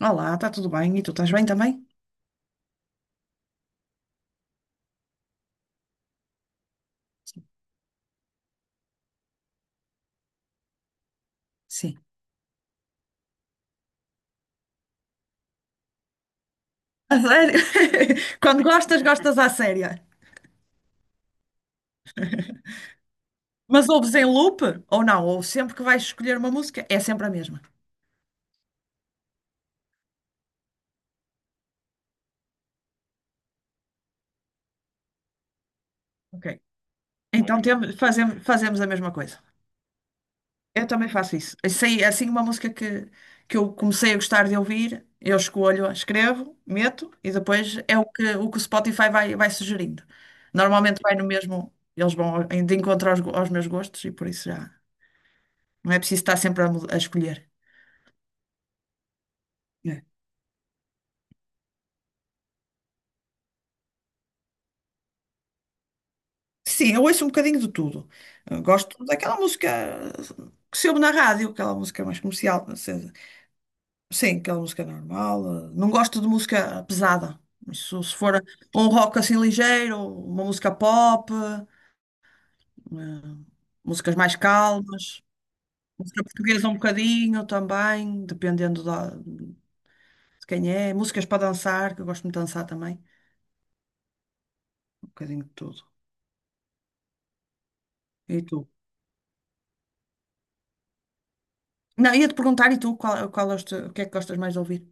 Olá, está tudo bem? E tu estás bem também? Sim. A sério? Quando gostas, gostas à séria. Mas ouves em loop ou não? Ou sempre que vais escolher uma música, é sempre a mesma. Ok. Então temos, fazemos a mesma coisa. Eu também faço isso. Eu sei, assim, uma que eu comecei a gostar de ouvir, eu escolho, escrevo, meto e depois é que o Spotify vai sugerindo. Normalmente vai no mesmo, eles vão de encontro aos, aos meus gostos e por isso já não é preciso estar sempre a escolher. É. Sim, eu ouço um bocadinho de tudo. Eu gosto daquela música que se ouve na rádio, aquela música mais comercial, não sei. Sim, aquela música normal. Não gosto de música pesada. Isso, se for um rock assim ligeiro, uma música pop, eh, músicas mais calmas, música portuguesa um bocadinho também, dependendo de quem é. Músicas para dançar, que eu gosto muito de dançar também. Um bocadinho de tudo. E tu? Não, ia-te perguntar, e tu, qual é o que é que gostas mais de ouvir?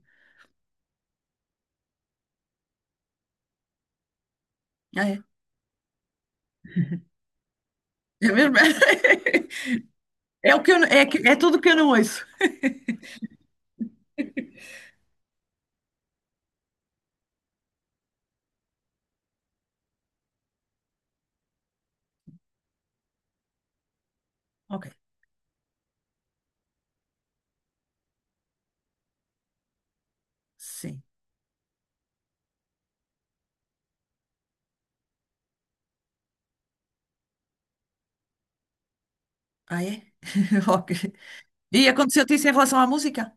Ah, é? É mesmo? É o que é tudo que eu não ouço. Ok. Sim. Ah, é? Ok. E aconteceu-te isso em relação à música?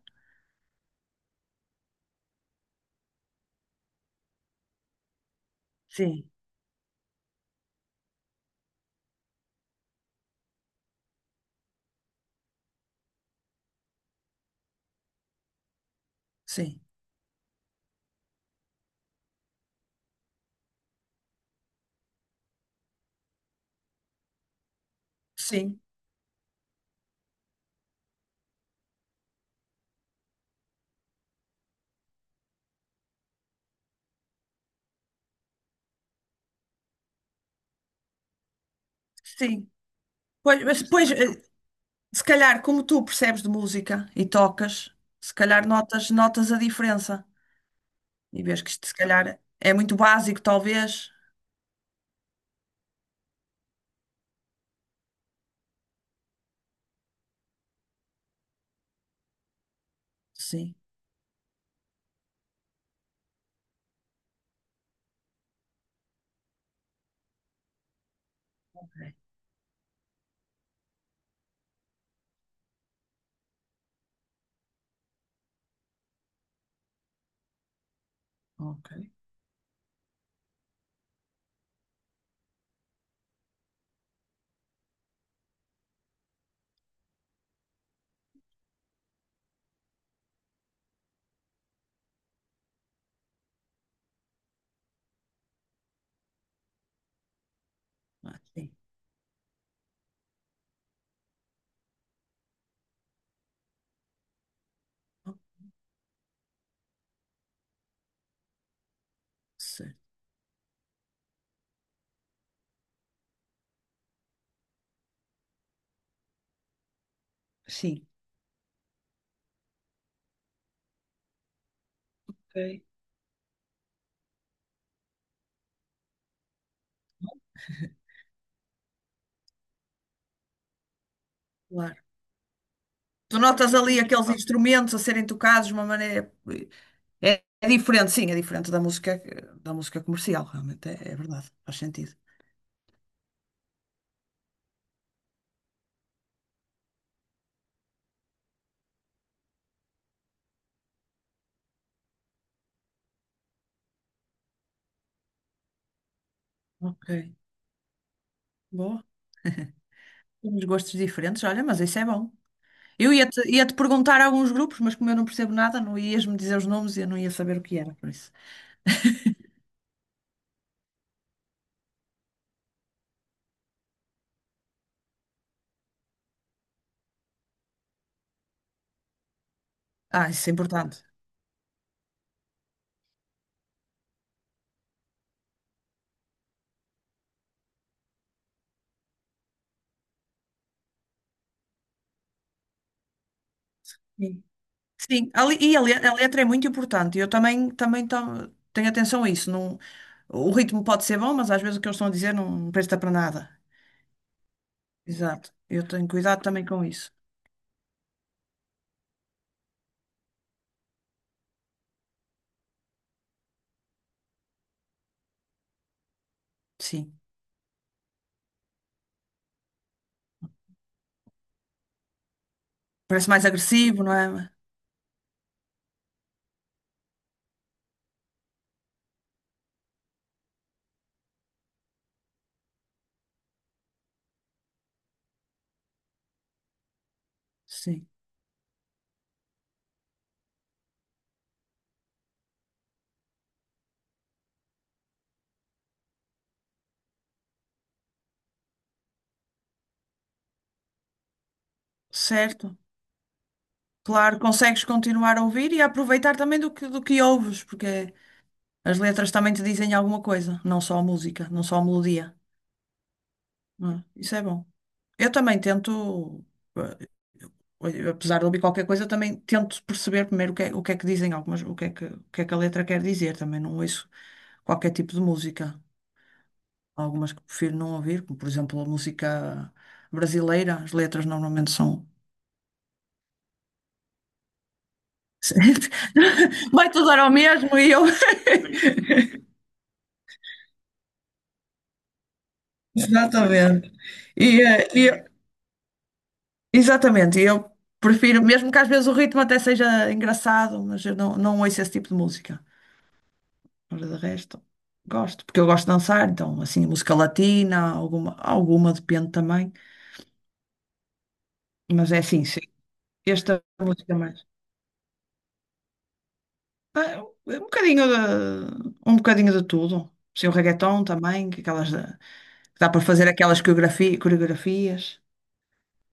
Sim. Sim. Sim. Sim. Pois, mas depois, se calhar, como tu percebes de música e tocas, se calhar notas a diferença. E vês que isto, se calhar, é muito básico, talvez. Sim. Ok. Ok. Ah, sim. Oh. Certo. Sim. Ok. Claro. Tu notas ali aqueles instrumentos a serem tocados de uma maneira. É, é diferente, sim, é diferente da música comercial, realmente, é, é verdade, faz sentido. Ok, boa. Temos gostos diferentes, olha, mas isso é bom. Eu ia-te perguntar alguns grupos, mas como eu não percebo nada, não ias-me dizer os nomes e eu não ia saber o que era, por isso. Ah, isso é importante. Sim. Sim, a a letra é muito importante. Eu também, também tenho atenção a isso. Não, o ritmo pode ser bom, mas às vezes o que eles estão a dizer não presta para nada. Exato. Eu tenho cuidado também com isso. Sim. Parece mais agressivo, não é? Sim. Certo. Claro, consegues continuar a ouvir e a aproveitar também do que ouves, porque as letras também te dizem alguma coisa, não só a música, não só a melodia, não é? Isso é bom. Eu também tento, apesar de ouvir qualquer coisa, também tento perceber primeiro o que é que dizem algumas, o que é que, o que é que a letra quer dizer. Também não ouço qualquer tipo de música. Há algumas que prefiro não ouvir, como por exemplo a música brasileira, as letras normalmente são. Vai tudo dar ao mesmo e eu. Exatamente. E, eh, e eu- Exatamente, e eu prefiro, mesmo que às vezes o ritmo até seja engraçado, mas eu não, não ouço esse tipo de música. Mas de resto, gosto, porque eu gosto de dançar, então assim, música latina, alguma, alguma depende também. Mas é assim, sim, esta música é mais. Ah, um bocadinho um bocadinho de tudo. Sim, o reggaeton também, que dá para fazer aquelas coreografias.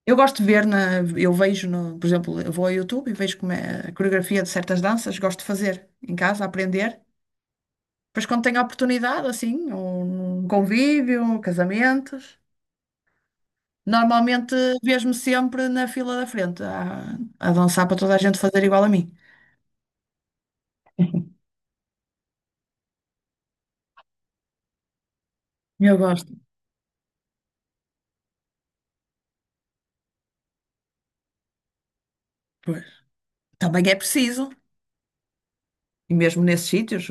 Eu gosto de ver eu vejo no, por exemplo, eu vou ao YouTube e vejo como é a coreografia de certas danças, gosto de fazer em casa, aprender. Depois quando tenho a oportunidade, assim, ou num convívio, casamentos, normalmente vejo-me sempre na fila da frente, a dançar para toda a gente fazer igual a mim. Eu gosto. Pois. Também é preciso. E mesmo nesses sítios,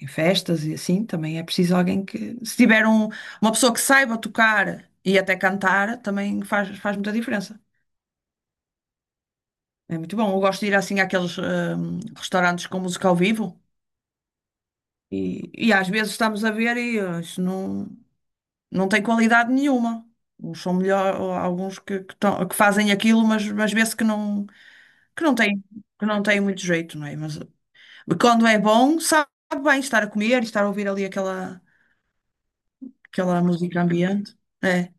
em festas e assim, também é preciso alguém que, se tiver uma pessoa que saiba tocar e até cantar, também faz muita diferença. É muito bom. Eu gosto de ir assim àqueles restaurantes com música ao vivo e às vezes estamos a ver e não tem qualidade nenhuma. Uns são melhor, ou alguns que fazem aquilo, mas vê-se que não tem, que não tem muito jeito, não é? Mas quando é bom, sabe bem estar a comer e estar a ouvir ali aquela música ambiente. É,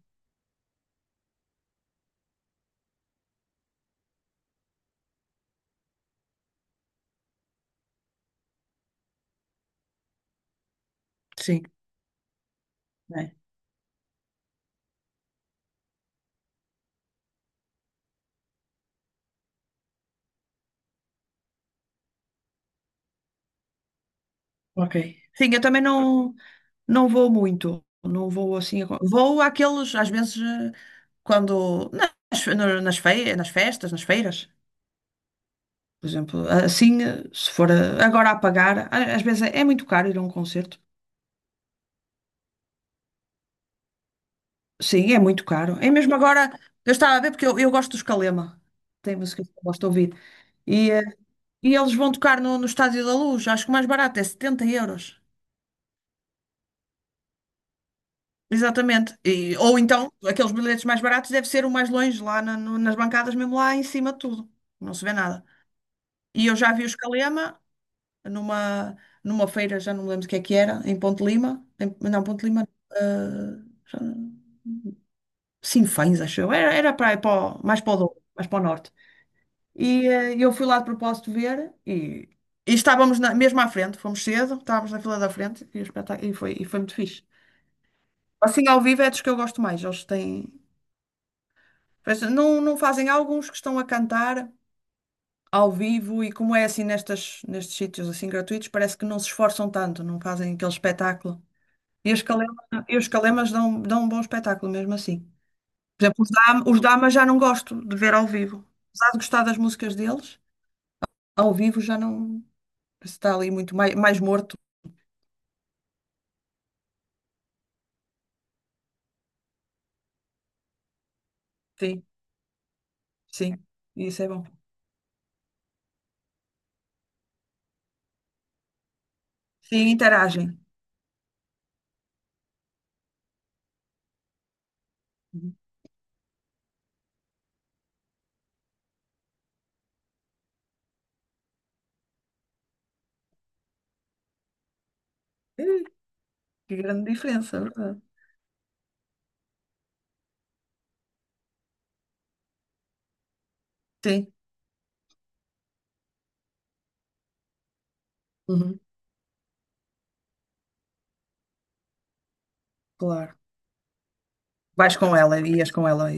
sim. É, ok. Sim, eu também não, não vou muito. Não vou assim. Vou àqueles, às vezes, quando. Nas, no- nas, fe- Nas festas, nas feiras, por exemplo. Assim, eh, se for eh, agora a pagar, às vezes é, é muito caro ir a um concerto. Sim, é muito caro. É mesmo agora. Eu estava a ver porque eu gosto dos Calema. Tem músicas que eu gosto de ouvir. E, eh, e eles vão tocar no Estádio da Luz. Acho que o mais barato é 70 euros. Exatamente. E- ou então, aqueles bilhetes mais baratos deve ser o mais longe, lá na- no- nas bancadas, mesmo lá em cima de tudo. Não se vê nada. E eu já vi os Calema numa, numa feira, já não me lembro o que é que era, em Ponte Lima. Em- não, Ponte Lima. Já, Sinfãs, acho eu. Era para, aí mais para o Douro, mais para o norte. E eu fui lá de propósito ver e estávamos mesmo à frente, fomos cedo, estávamos na fila da frente e, o espetáculo, e foi muito fixe. Assim, ao vivo é dos que eu gosto mais. Eles têm. Pois, não, não fazem alguns que estão a cantar ao vivo e como é assim nestes sítios assim gratuitos, parece que não se esforçam tanto, não fazem aquele espetáculo. E os calemas, e os calemas dão um bom espetáculo mesmo assim. Por exemplo, os Dama já não gosto de ver ao vivo. Apesar de gostar das músicas deles, ao vivo já não está ali muito mais, mais morto. Sim, sim, isso é bom. Sim, interagem. Uhum. Ih, que grande diferença, é verdade. Sim, uhum, claro. Vais com ela, ias com ela.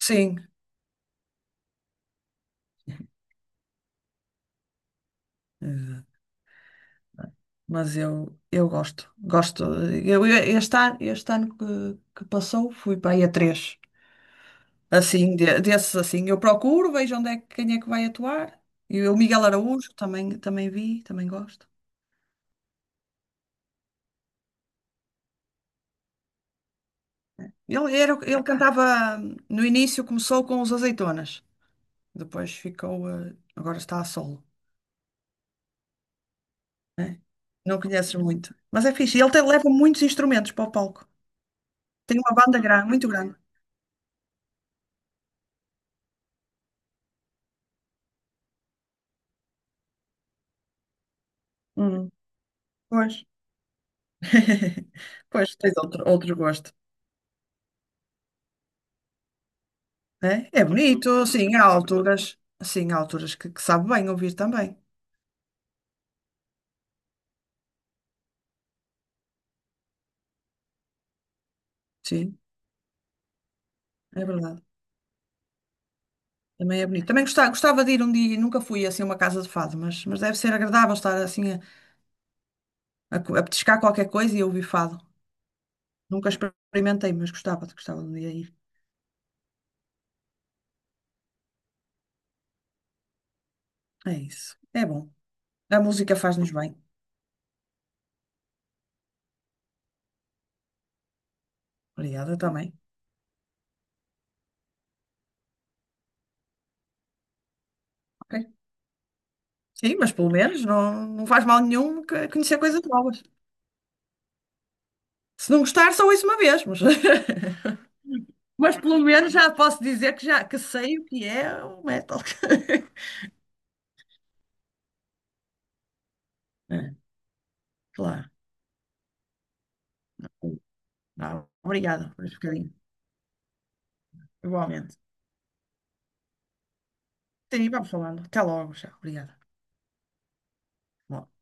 Sim, exato. Mas eu gosto, gosto. Este ano, este que passou fui para aí a três. Assim, desses assim, eu procuro, vejo onde é, quem é que vai atuar. E o Miguel Araújo também, também vi, também gosto. Ele, era, ele cantava, no início começou com os Azeitonas, depois ficou, agora está a solo, né? Não conheces muito, mas é fixe. Ele tem- leva muitos instrumentos para o palco. Tem uma banda grande, muito grande. Hum. Pois. Pois, tens outro, outro gosto, né? É bonito, sim, há alturas que sabe bem ouvir também. Sim, é verdade. Também é bonito. Também gostava, gostava de ir um dia, nunca fui assim a uma casa de fado, mas deve ser agradável estar assim a petiscar qualquer coisa e ouvir fado. Nunca experimentei, mas gostava, gostava de um dia ir. É isso. É bom. A música faz-nos bem. Obrigada também. Ok. Sim, mas pelo menos não, não faz mal nenhum conhecer coisas novas. Se não gostar, só isso uma vez, mas. Mas pelo menos já posso dizer que sei o que é o metal. É, claro. Não, obrigada por este bocadinho. Igualmente. Sim, vamos falando. Até logo, já. Obrigada. Bom.